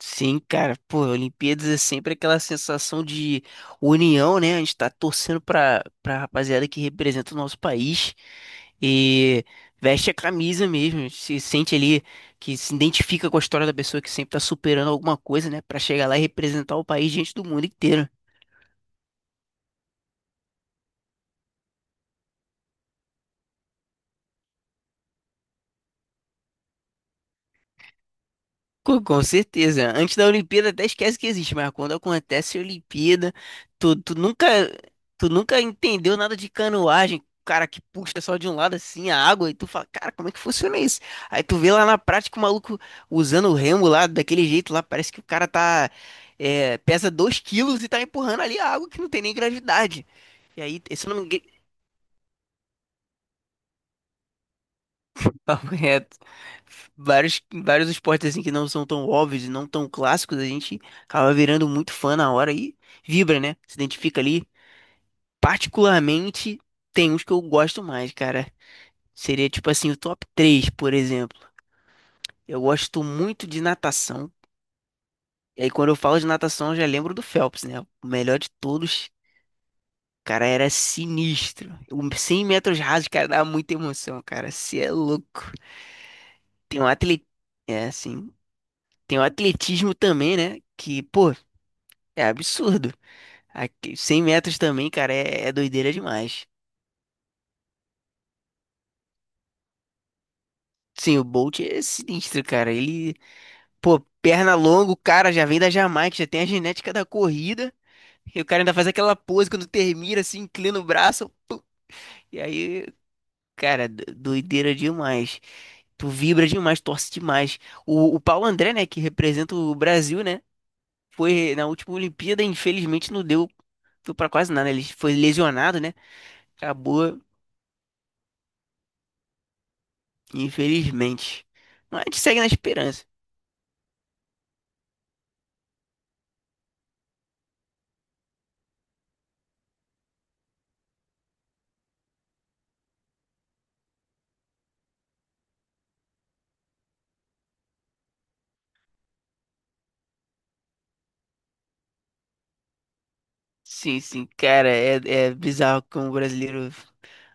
Sim, cara, pô, Olimpíadas é sempre aquela sensação de união, né? A gente tá torcendo pra rapaziada que representa o nosso país e veste a camisa mesmo, a gente se sente ali que se identifica com a história da pessoa que sempre tá superando alguma coisa, né? Pra chegar lá e representar o país diante do mundo inteiro. Com certeza. Antes da Olimpíada até esquece que existe, mas quando acontece a Olimpíada, tu, tu nunca, tu nunca entendeu nada de canoagem, cara que puxa só de um lado assim a água e tu fala, cara, como é que funciona isso? Aí tu vê lá na prática o maluco usando o remo lá daquele jeito lá, parece que o cara tá é, pesa 2 quilos e tá empurrando ali a água que não tem nem gravidade. E aí, se eu não me, engan- Papo reto. Vários, vários esportes assim que não são tão óbvios e não tão clássicos, a gente acaba virando muito fã na hora e vibra, né? Se identifica ali. Particularmente, tem uns que eu gosto mais, cara. Seria tipo assim, o top 3 por exemplo. Eu gosto muito de natação. E aí, quando eu falo de natação, eu já lembro do Phelps, né? O melhor de todos. Cara, era sinistro. O 100 metros rasos, cara, dava muita emoção, cara. Você é louco. Tem um atleta. É, assim. Tem o atletismo também, né? Que, pô, é absurdo. Aqui, 100 metros também, cara, é doideira demais. Sim, o Bolt é sinistro, cara. Ele, pô, perna longa, o cara já vem da Jamaica, já tem a genética da corrida. E o cara ainda faz aquela pose quando termina, assim, inclina o braço. Pum. E aí, cara, doideira demais. Tu vibra demais, torce demais. O Paulo André, né, que representa o Brasil, né? Foi na última Olimpíada, infelizmente não deu, deu pra quase nada. Ele foi lesionado, né? Acabou, infelizmente. Mas a gente segue na esperança. Sim, sim, cara, é, bizarro como o brasileiro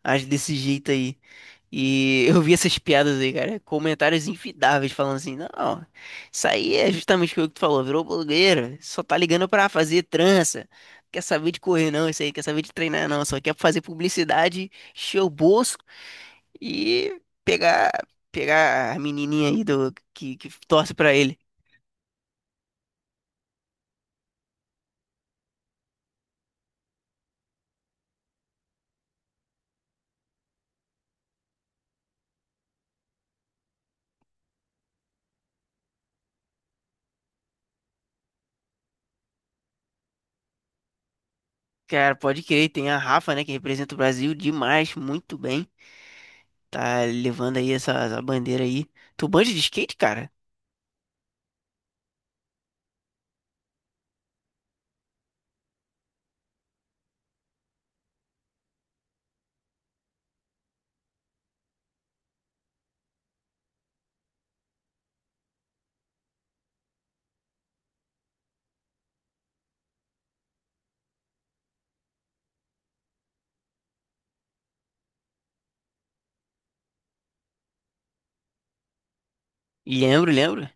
age desse jeito aí. E eu vi essas piadas aí, cara, comentários infidáveis falando assim: não, isso aí é justamente o que tu falou, virou blogueiro, só tá ligando pra fazer trança, quer saber de correr não, isso aí, quer saber de treinar não, só quer fazer publicidade, encher o bolso e pegar, pegar a menininha aí do, que torce pra ele. Cara, pode crer, tem a Rafa, né, que representa o Brasil demais, muito bem. Tá levando aí essa bandeira aí. Tu manja de skate, cara? Lembro, lembro.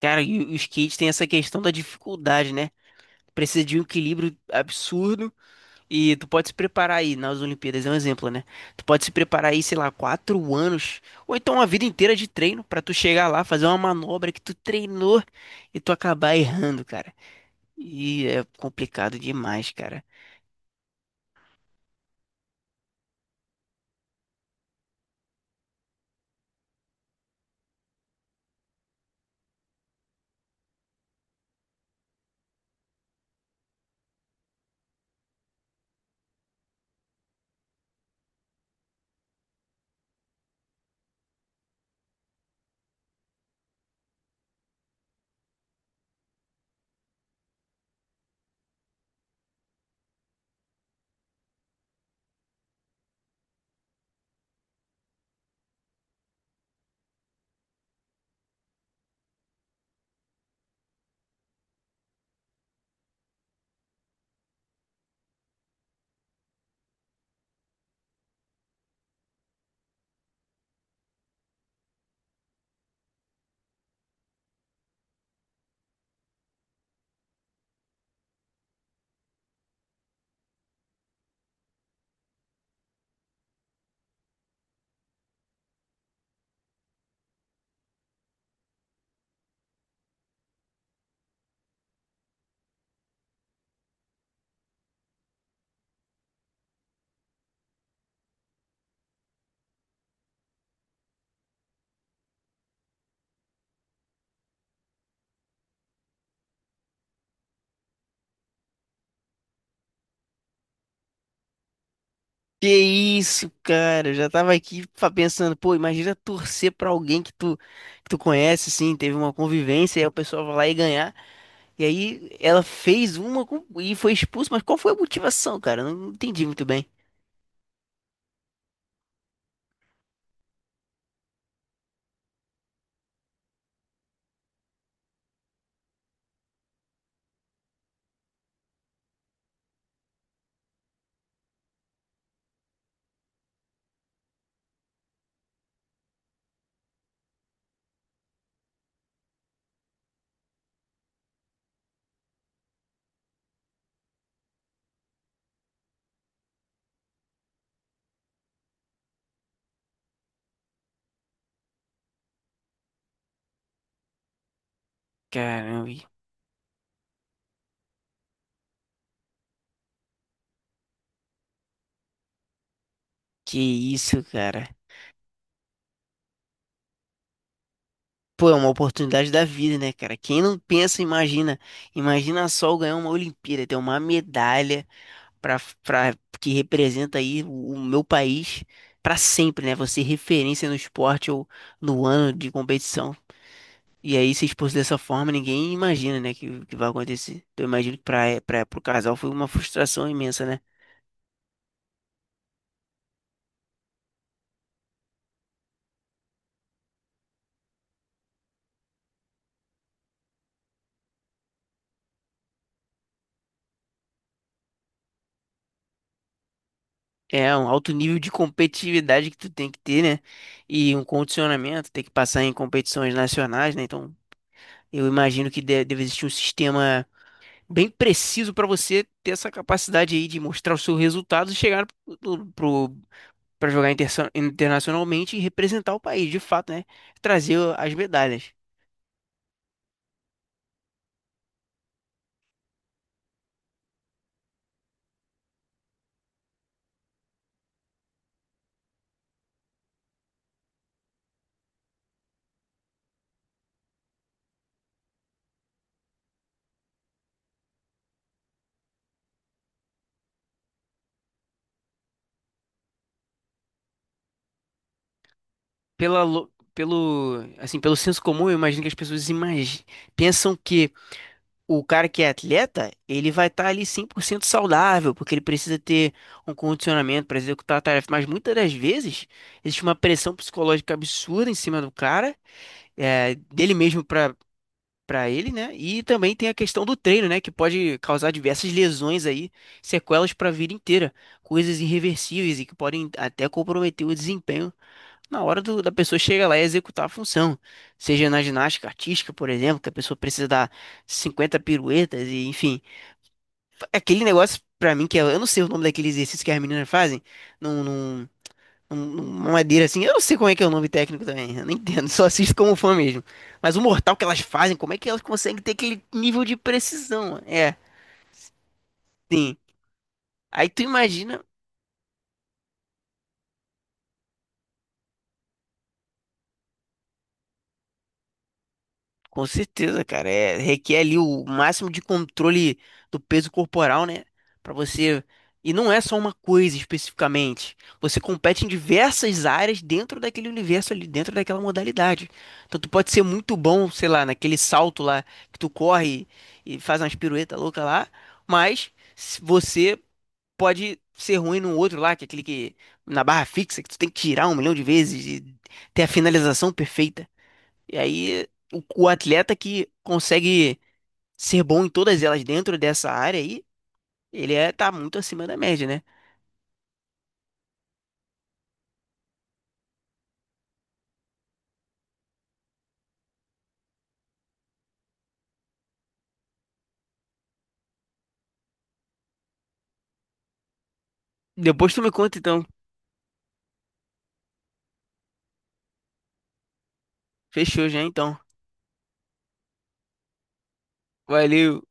Cara, e o skate tem essa questão da dificuldade, né? Precisa de um equilíbrio absurdo e tu pode se preparar aí nas Olimpíadas, é um exemplo, né? Tu pode se preparar aí, sei lá, 4 anos ou então uma vida inteira de treino pra tu chegar lá, fazer uma manobra que tu treinou e tu acabar errando, cara. E é complicado demais, cara. Que isso, cara? Eu já tava aqui pensando, pô, imagina torcer pra alguém que tu conhece, assim, teve uma convivência, e aí o pessoal vai lá e ganhar. E aí ela fez e foi expulso, mas qual foi a motivação, cara? Eu não entendi muito bem. Caramba, que isso, cara? Pô, é uma oportunidade da vida, né, cara? Quem não pensa, imagina. Imagina só eu ganhar uma Olimpíada, ter uma medalha. Para que representa aí o meu país para sempre, né? Você referência no esporte ou no ano de competição. E aí, se expor dessa forma, ninguém imagina, né, que, vai acontecer. Então, eu imagino que para para pro casal foi uma frustração imensa, né? É um alto nível de competitividade que tu tem que ter, né? E um condicionamento, tem que passar em competições nacionais, né? Então, eu imagino que deve existir um sistema bem preciso para você ter essa capacidade aí de mostrar os seus resultados e chegar pro, pro para jogar interso- internacionalmente e representar o país, de fato, né? Trazer as medalhas. Pela, lo- pelo, assim, pelo senso comum, eu imagino que as pessoas pensam que o cara que é atleta, ele vai estar ali 100% saudável, porque ele precisa ter um condicionamento para executar a tarefa. Mas muitas das vezes, existe uma pressão psicológica absurda em cima do cara, é, dele mesmo para ele, né? E também tem a questão do treino, né? Que pode causar diversas lesões aí, sequelas para a vida inteira, coisas irreversíveis e que podem até comprometer o desempenho na hora do- da pessoa chegar lá e executar a função. Seja na ginástica artística, por exemplo, que a pessoa precisa dar 50 piruetas e enfim. É aquele negócio, para mim, que é, eu não sei o nome daquele exercício que as meninas fazem, não, não uma madeira assim. Eu não sei como é que é o nome técnico também, eu não entendo, só assisto como fã mesmo. Mas o mortal que elas fazem, como é que elas conseguem ter aquele nível de precisão? É, sim. Aí tu imagina. Com certeza, cara. É, requer ali o máximo de controle do peso corporal, né? Pra você. E não é só uma coisa especificamente. Você compete em diversas áreas dentro daquele universo ali, dentro daquela modalidade. Então tu pode ser muito bom, sei lá, naquele salto lá que tu corre e faz umas piruetas loucas lá, mas você pode ser ruim no outro lá, que é aquele que na barra fixa que tu tem que tirar um milhão de vezes e ter a finalização perfeita. E aí, o atleta que consegue ser bom em todas elas dentro dessa área aí, ele é, tá muito acima da média, né? Depois tu me conta, então. Fechou já, então. Valeu.